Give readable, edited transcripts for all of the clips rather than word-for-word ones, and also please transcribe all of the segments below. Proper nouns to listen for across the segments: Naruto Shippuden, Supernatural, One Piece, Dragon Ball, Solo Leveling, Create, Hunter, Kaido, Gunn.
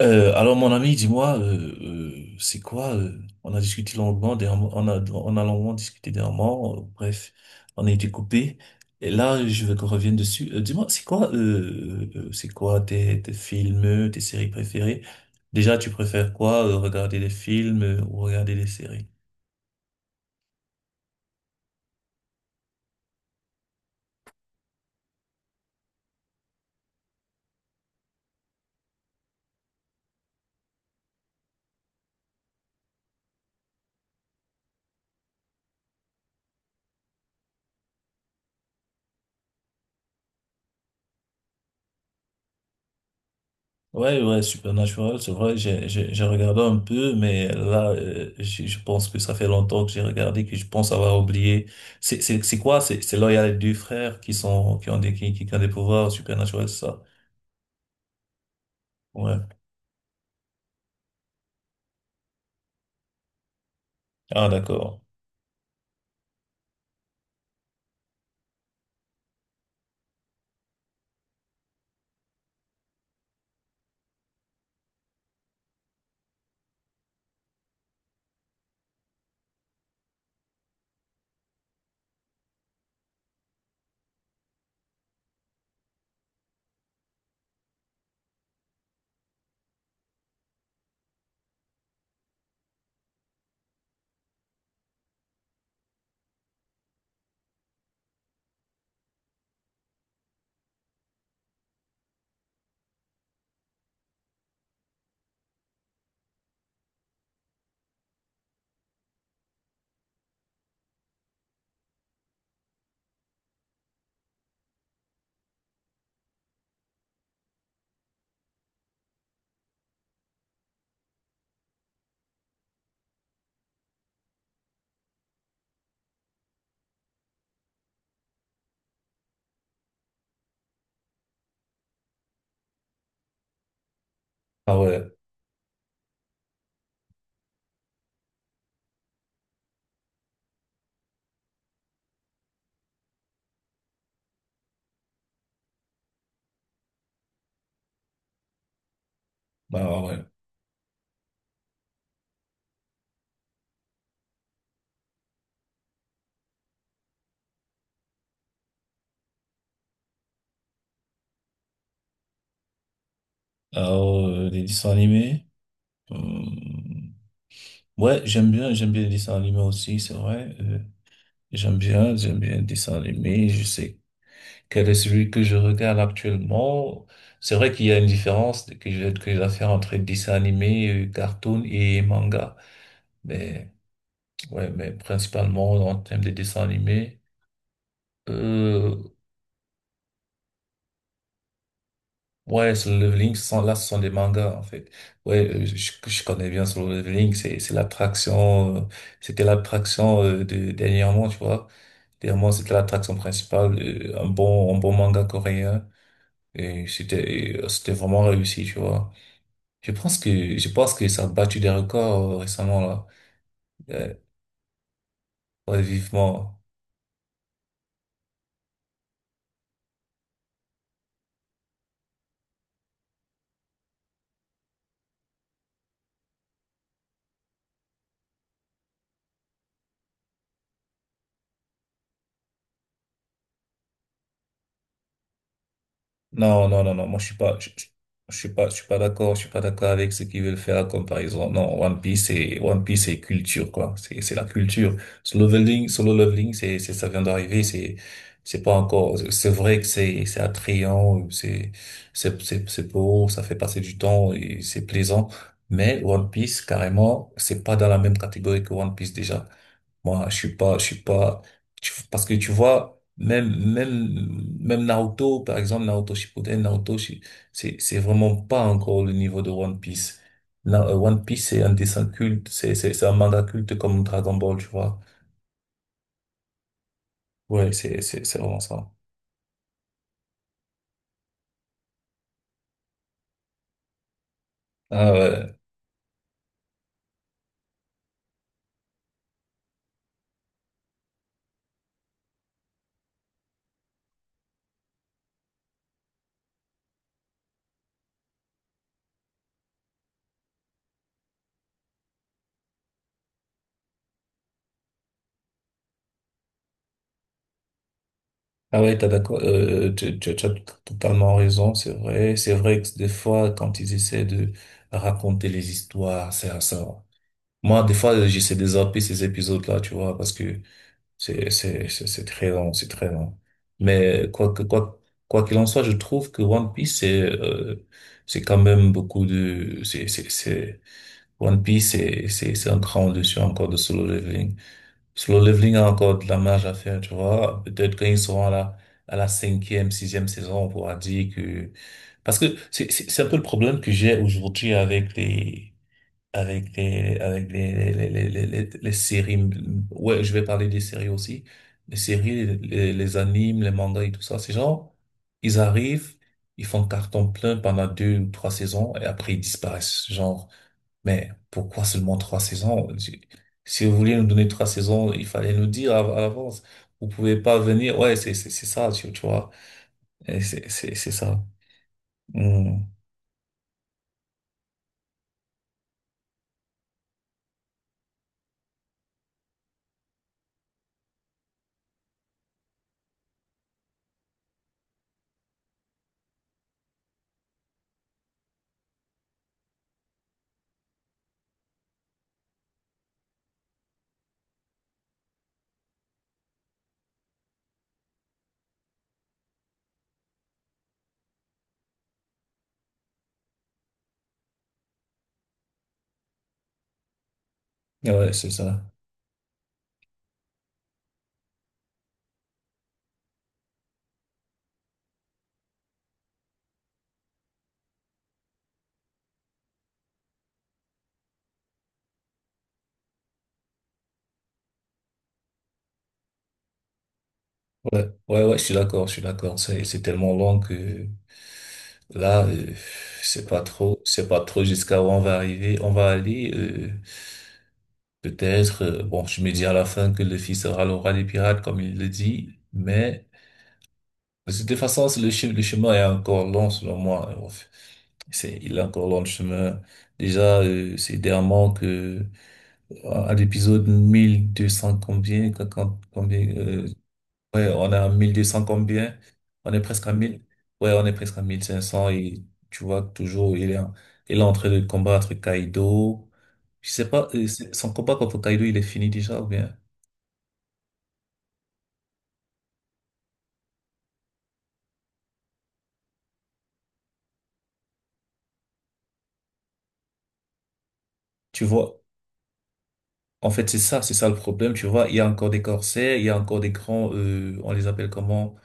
Alors mon ami, dis-moi, c'est quoi on a longuement discuté dernièrement, bref, on a été coupé. Et là, je veux qu'on revienne dessus. Dis-moi, c'est quoi tes films, tes séries préférées? Déjà, tu préfères quoi, regarder des films, ou regarder des séries? Ouais, ouais, Supernatural, c'est vrai, j'ai regardé un peu, mais là, je pense que ça fait longtemps que j'ai regardé, que je pense avoir oublié. C'est quoi? C'est là, il y a les deux frères qui sont, qui ont des, qui ont des pouvoirs, Supernatural, c'est ça? Ouais. Ah, d'accord. Ah ouais. Bah ouais. Ouais. Alors, des dessins animés? Hum, Ouais, j'aime bien les dessins animés aussi, c'est vrai. J'aime bien, j'aime bien les dessins animés, je sais quel est celui que je regarde actuellement. C'est vrai qu'il y a une différence que je dois faire entre dessin animé, cartoon et manga. Mais, ouais, mais principalement en termes de dessin animé, euh, ouais, Solo Leveling, là, ce sont des mangas, en fait. Ouais, je connais bien Solo Leveling, c'était l'attraction, de, dernièrement, tu vois. Dernièrement, c'était l'attraction principale, un bon manga coréen. Et c'était, et c'était vraiment réussi, tu vois. Je pense que ça a battu des records, récemment, là. Euh, ouais, vivement. Non, non, non, non, moi je suis pas d'accord, je suis pas d'accord avec ce qu'ils veulent faire comme par exemple, non, One Piece c'est culture, quoi, c'est la culture. Solo leveling, ça vient d'arriver, c'est pas encore, c'est vrai que c'est attrayant, c'est beau, ça fait passer du temps et c'est plaisant, mais One Piece, carrément, c'est pas dans la même catégorie que One Piece déjà. Moi, je suis pas, tu- parce que tu vois, même, même, même Naruto, par exemple, Naruto Shippuden, c'est vraiment pas encore le niveau de One Piece. One Piece, c'est un dessin culte, c'est un manga culte comme Dragon Ball, tu vois. Ouais, c'est vraiment ça. Ah ouais, ah ouais, t'as d'accord, tu as totalement raison, c'est vrai. C'est vrai que des fois, quand ils essaient de raconter les histoires, c'est ça. Moi, des fois, j'essaie de zapper ces épisodes-là, tu vois, parce que c'est très long, c'est très long. Mais quoi qu'il en soit, je trouve que One Piece, c'est quand même beaucoup de, One Piece, c'est un cran au-dessus encore de Solo Leveling. Solo Leveling a encore de la marge à faire, tu vois. Peut-être quand ils seront à la cinquième, sixième saison, on pourra dire que, parce que c'est un peu le problème que j'ai aujourd'hui avec les les séries, ouais je vais parler des séries aussi, les séries les animes, les mangas et tout ça, ces gens ils arrivent, ils font carton plein pendant deux ou trois saisons et après ils disparaissent, genre mais pourquoi seulement trois saisons, si si vous vouliez nous donner trois saisons, il fallait nous dire à l'avance, vous pouvez pas venir, ouais, c'est ça, tu vois. Et c'est ça. Hmm. Ouais, c'est ça. Ouais, ouais, ouais, je suis d'accord, je suis d'accord. C'est tellement long que là, c'est pas trop jusqu'à où on va arriver. On va aller, peut-être, bon, je me dis à la fin que le fils sera le roi des pirates, comme il le dit, mais de toute façon, le chemin est encore long, selon moi. Enfin, il est encore long le chemin. Déjà, c'est dernièrement que, à l'épisode 1200 combien, ouais, on est à 1200 combien? On est presque à 1000. Ouais, on est presque à 1500 et tu vois que toujours il est en train de combattre Kaido. Je sais pas, son combat contre Kaido, il est fini déjà ou bien? Tu vois, en fait, c'est ça le problème, tu vois. Il y a encore des corsaires, il y a encore des grands, on les appelle comment?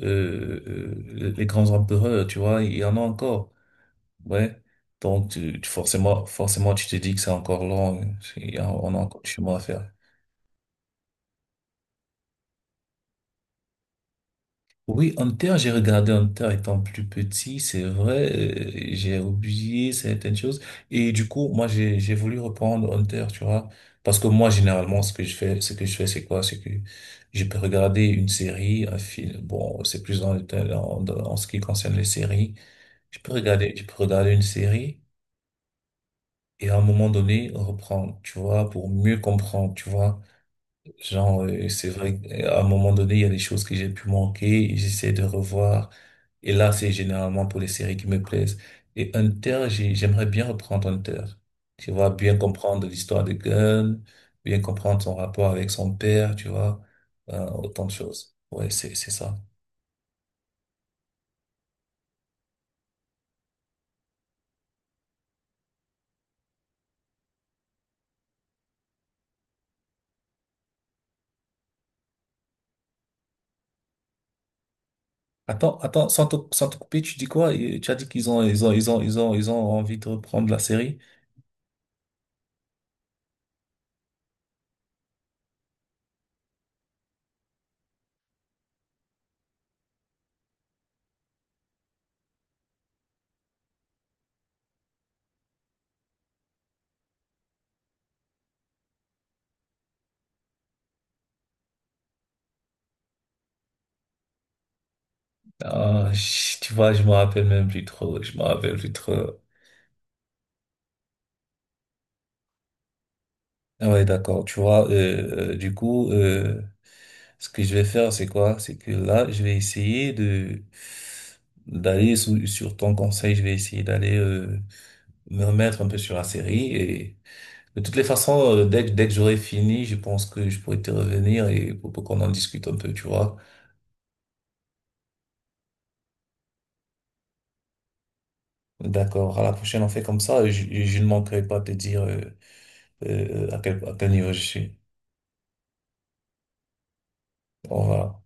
Les grands empereurs, tu vois, il y en a encore. Ouais. Donc, forcément, forcément, tu te dis que c'est encore long. Hein. On a encore du chemin à faire. Oui, Hunter, j'ai regardé Hunter étant plus petit, c'est vrai, j'ai oublié certaines choses. Et du coup, moi, j'ai voulu reprendre Hunter, tu vois. Parce que moi, généralement, ce que je fais, ce que je fais, c'est quoi? C'est que je peux regarder une série, un film. Bon, c'est plus dans, en ce qui concerne les séries. Je peux regarder une série et à un moment donné, reprendre, tu vois, pour mieux comprendre, tu vois. Genre, c'est vrai qu'à un moment donné, il y a des choses que j'ai pu manquer et j'essaie de revoir. Et là, c'est généralement pour les séries qui me plaisent. Et Hunter, j'aimerais bien reprendre Hunter. Tu vois, bien comprendre l'histoire de Gunn, bien comprendre son rapport avec son père, tu vois, autant de choses. Ouais, c'est ça. Attends, attends, sans te couper, tu dis quoi? Et tu as dit qu'ils ont, ils ont, ils ont, ils ont, ils ont envie de reprendre la série? Ah, tu vois, je me rappelle même plus trop, je me rappelle plus trop. Ah ouais, d'accord. Tu vois, du coup, ce que je vais faire, c'est quoi? C'est que là, je vais essayer de sur ton conseil, je vais essayer d'aller me remettre un peu sur la série. Et de toutes les façons, dès que j'aurai fini, je pense que je pourrai te revenir et pour qu'on en discute un peu, tu vois. D'accord. À la prochaine, on fait comme ça. Et je ne manquerai pas de te dire à quel niveau je suis. Au revoir.